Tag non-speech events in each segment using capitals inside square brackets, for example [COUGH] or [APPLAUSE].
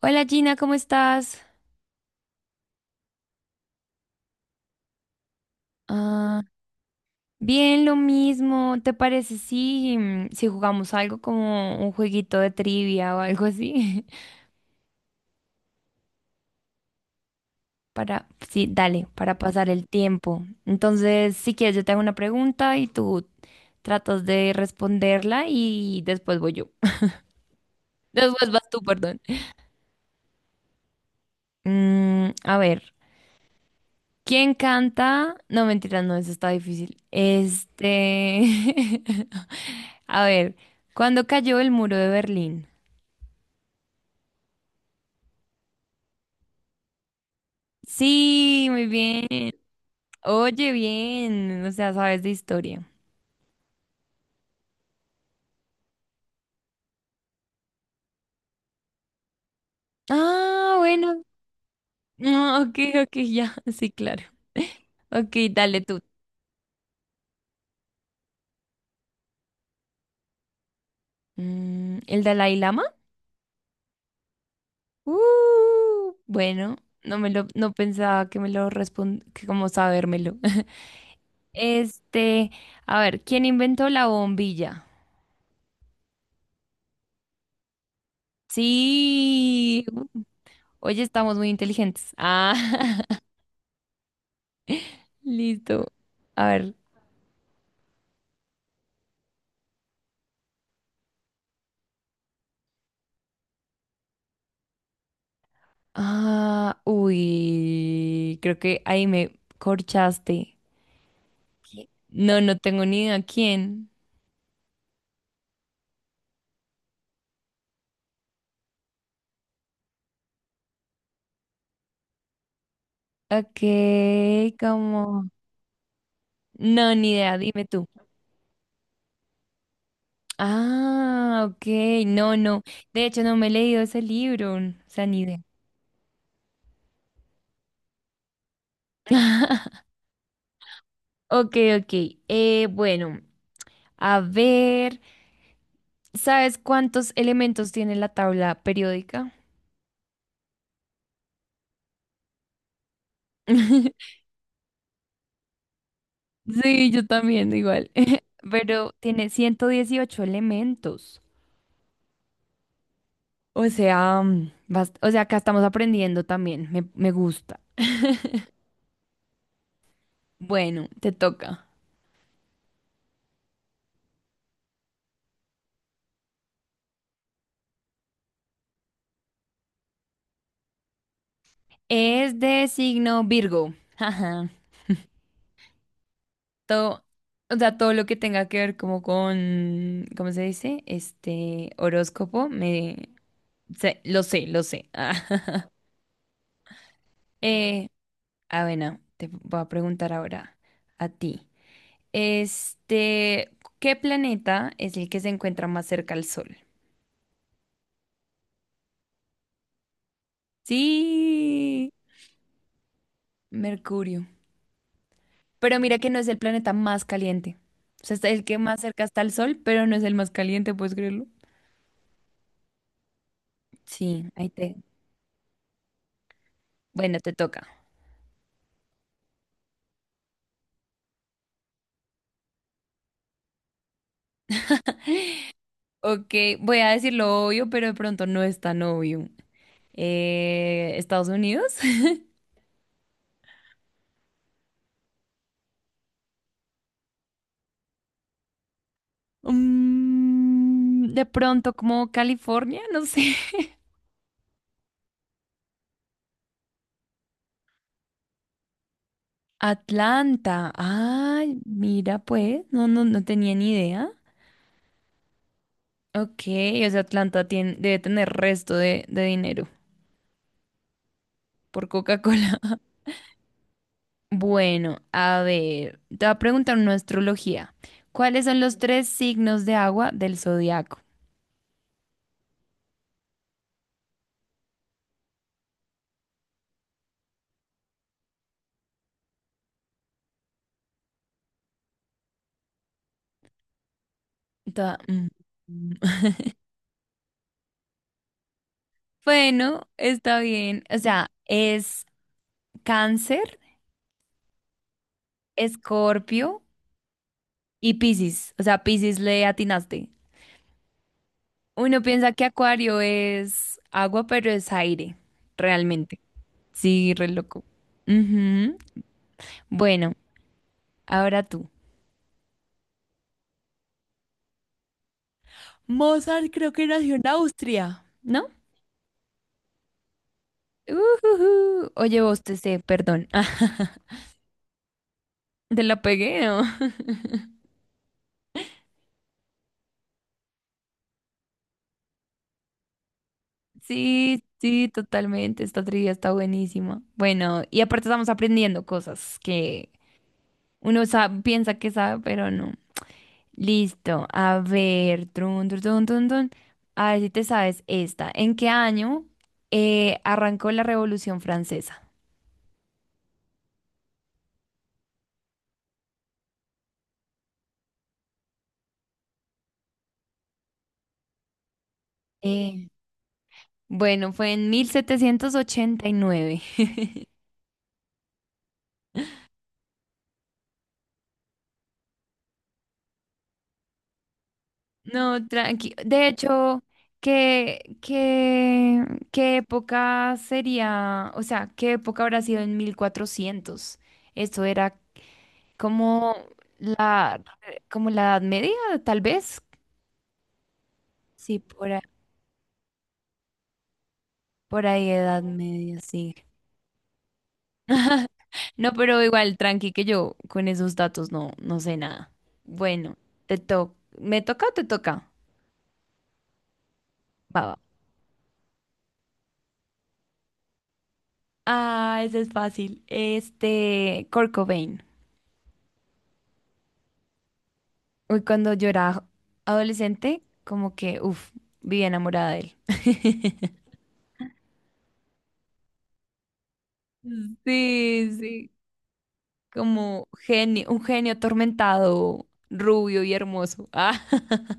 Hola Gina, ¿cómo estás? Ah, bien, lo mismo. ¿Te parece si jugamos algo como un jueguito de trivia o algo así? [LAUGHS] Sí, dale, para pasar el tiempo. Entonces, si quieres, yo te hago una pregunta y tú tratas de responderla y después voy yo. [LAUGHS] Después vas tú, perdón. A ver, ¿quién canta? No, mentira, no, eso está difícil. Este, [LAUGHS] a ver, ¿cuándo cayó el muro de Berlín? Sí, muy bien. Oye, bien. O sea, sabes de historia. Ah, bueno. No, ok, ok, ya. [LAUGHS] Sí, claro. [LAUGHS] Ok, dale tú. ¿El Dalai Lama? Bueno, no pensaba que me lo que como sabérmelo. [LAUGHS] Este, a ver, ¿quién inventó la bombilla? Sí. Oye, estamos muy inteligentes. Ah, [LAUGHS] listo. A ver. Ah, uy, creo que ahí me corchaste. No, no tengo ni idea quién. Ok, como... No, ni idea, dime tú. Ah, ok, no, no. De hecho, no me he leído ese libro, o sea, ni idea. Ok, ok. Bueno, a ver, ¿sabes cuántos elementos tiene la tabla periódica? [LAUGHS] Sí, yo también, igual. [LAUGHS] Pero tiene 118 elementos. O sea, acá estamos aprendiendo también. Me gusta. Bueno, te toca. Es de signo Virgo. [LAUGHS] Ajá. Todo, o sea, todo lo que tenga que ver como con, ¿cómo se dice? Este horóscopo, lo sé, lo sé. [LAUGHS] Eh, bueno, te voy a preguntar ahora a ti. Este, ¿qué planeta es el que se encuentra más cerca al Sol? Sí, Mercurio. Pero mira que no es el planeta más caliente. O sea, es el que más cerca está al Sol, pero no es el más caliente, ¿puedes creerlo? Sí, ahí te. Bueno, te toca. Ok, voy a decir lo obvio, pero de pronto no es tan obvio. ¿Estados Unidos? [LAUGHS] De pronto como California, no sé. [LAUGHS] Atlanta. Ay, mira pues, no, no, no tenía ni idea. Ok, o sea, debe tener resto de dinero por Coca-Cola. Bueno, a ver, te voy a preguntar una astrología. ¿Cuáles son los tres signos de agua del zodiaco? Mm, mm. [LAUGHS] Bueno, está bien. O sea, es Cáncer, Escorpio y Piscis. O sea, Piscis le atinaste. Uno piensa que Acuario es agua, pero es aire, realmente. Sí, re loco. Ujú. Bueno, ahora tú. Mozart creo que nació en Austria. ¿No? Ujujú. Oye, vos te sé, perdón. [LAUGHS] Te la pegué, ¿no? [LAUGHS] Sí, sí, totalmente. Esta trivia está buenísima. Bueno, y aparte estamos aprendiendo cosas que uno piensa que sabe, pero no. Listo. A ver, trun, trun, trun, trun, trun. A ver si te sabes esta. ¿En qué año arrancó la Revolución Francesa? Eh, bueno, fue en 1789. No, tranqui. De hecho, ¿qué, qué, qué época sería. O sea, ¿qué época habrá sido en 1400? Esto era como la, como la Edad Media, tal vez. Sí, por ahí Edad Media, sí. No, pero igual, tranqui, que yo con esos datos no sé nada. Bueno, te to ¿me toca o te toca? Va, va. Ah, ese es fácil. Este, Kurt Cobain. Uy, cuando yo era adolescente, como que, uff, vivía enamorada de él. Sí, sí, como genio, un genio atormentado, rubio y hermoso. Ah, [LAUGHS]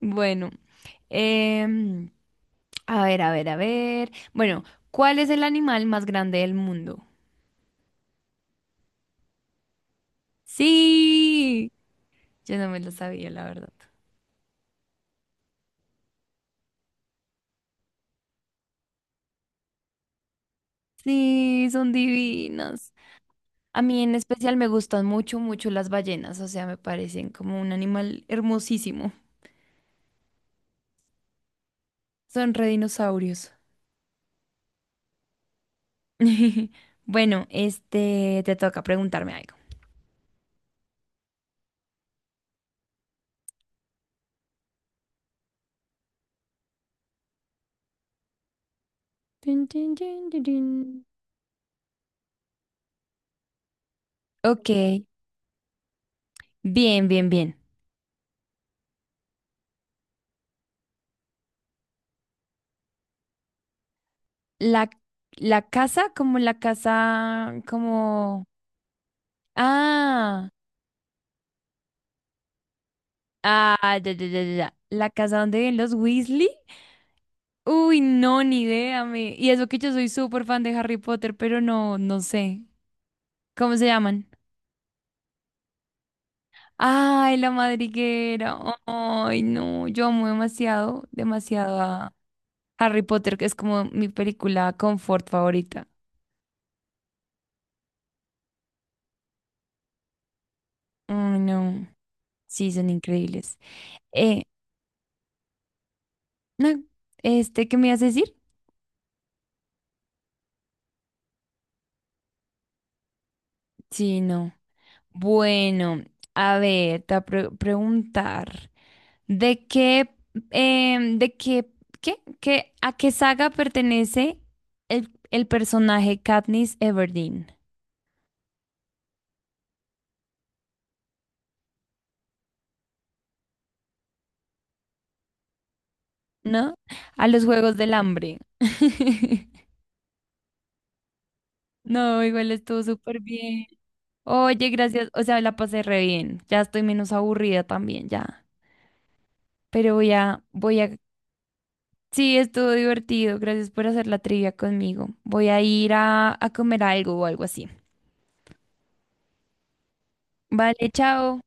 bueno, em, a ver, a ver, a ver. Bueno, ¿cuál es el animal más grande del mundo? Sí, yo no me lo sabía, la verdad. Sí, son divinas. A mí en especial me gustan mucho, mucho las ballenas, o sea, me parecen como un animal hermosísimo. Son redinosaurios. [LAUGHS] Bueno, este, te toca preguntarme algo. Tin, tin, tin, tin, tin. Ok, bien, bien, bien. La, la casa, como la casa, como. Ah, ah, ya, ya, ya, ya, ya. La casa donde viven los Weasley. Uy, no, ni idea, me. Y eso que yo soy súper fan de Harry Potter, pero no sé. ¿Cómo se llaman? Ay, la madriguera. Ay, no, yo amo demasiado, demasiado a Harry Potter, que es como mi película confort favorita. Ay, no. Sí, son increíbles. Eh, no, este, ¿qué me ibas a decir? Sí, no. Bueno, a ver, te voy a preguntar. ¿De qué, em, de qué, qué, qué- A qué saga pertenece el personaje Katniss Everdeen? ¿No? A los Juegos del Hambre. [LAUGHS] No, igual estuvo súper bien. Oye, gracias. O sea, la pasé re bien. Ya estoy menos aburrida también, ya. Pero voy a. Sí, estuvo divertido. Gracias por hacer la trivia conmigo. Voy a ir a comer algo o algo así. Vale, chao.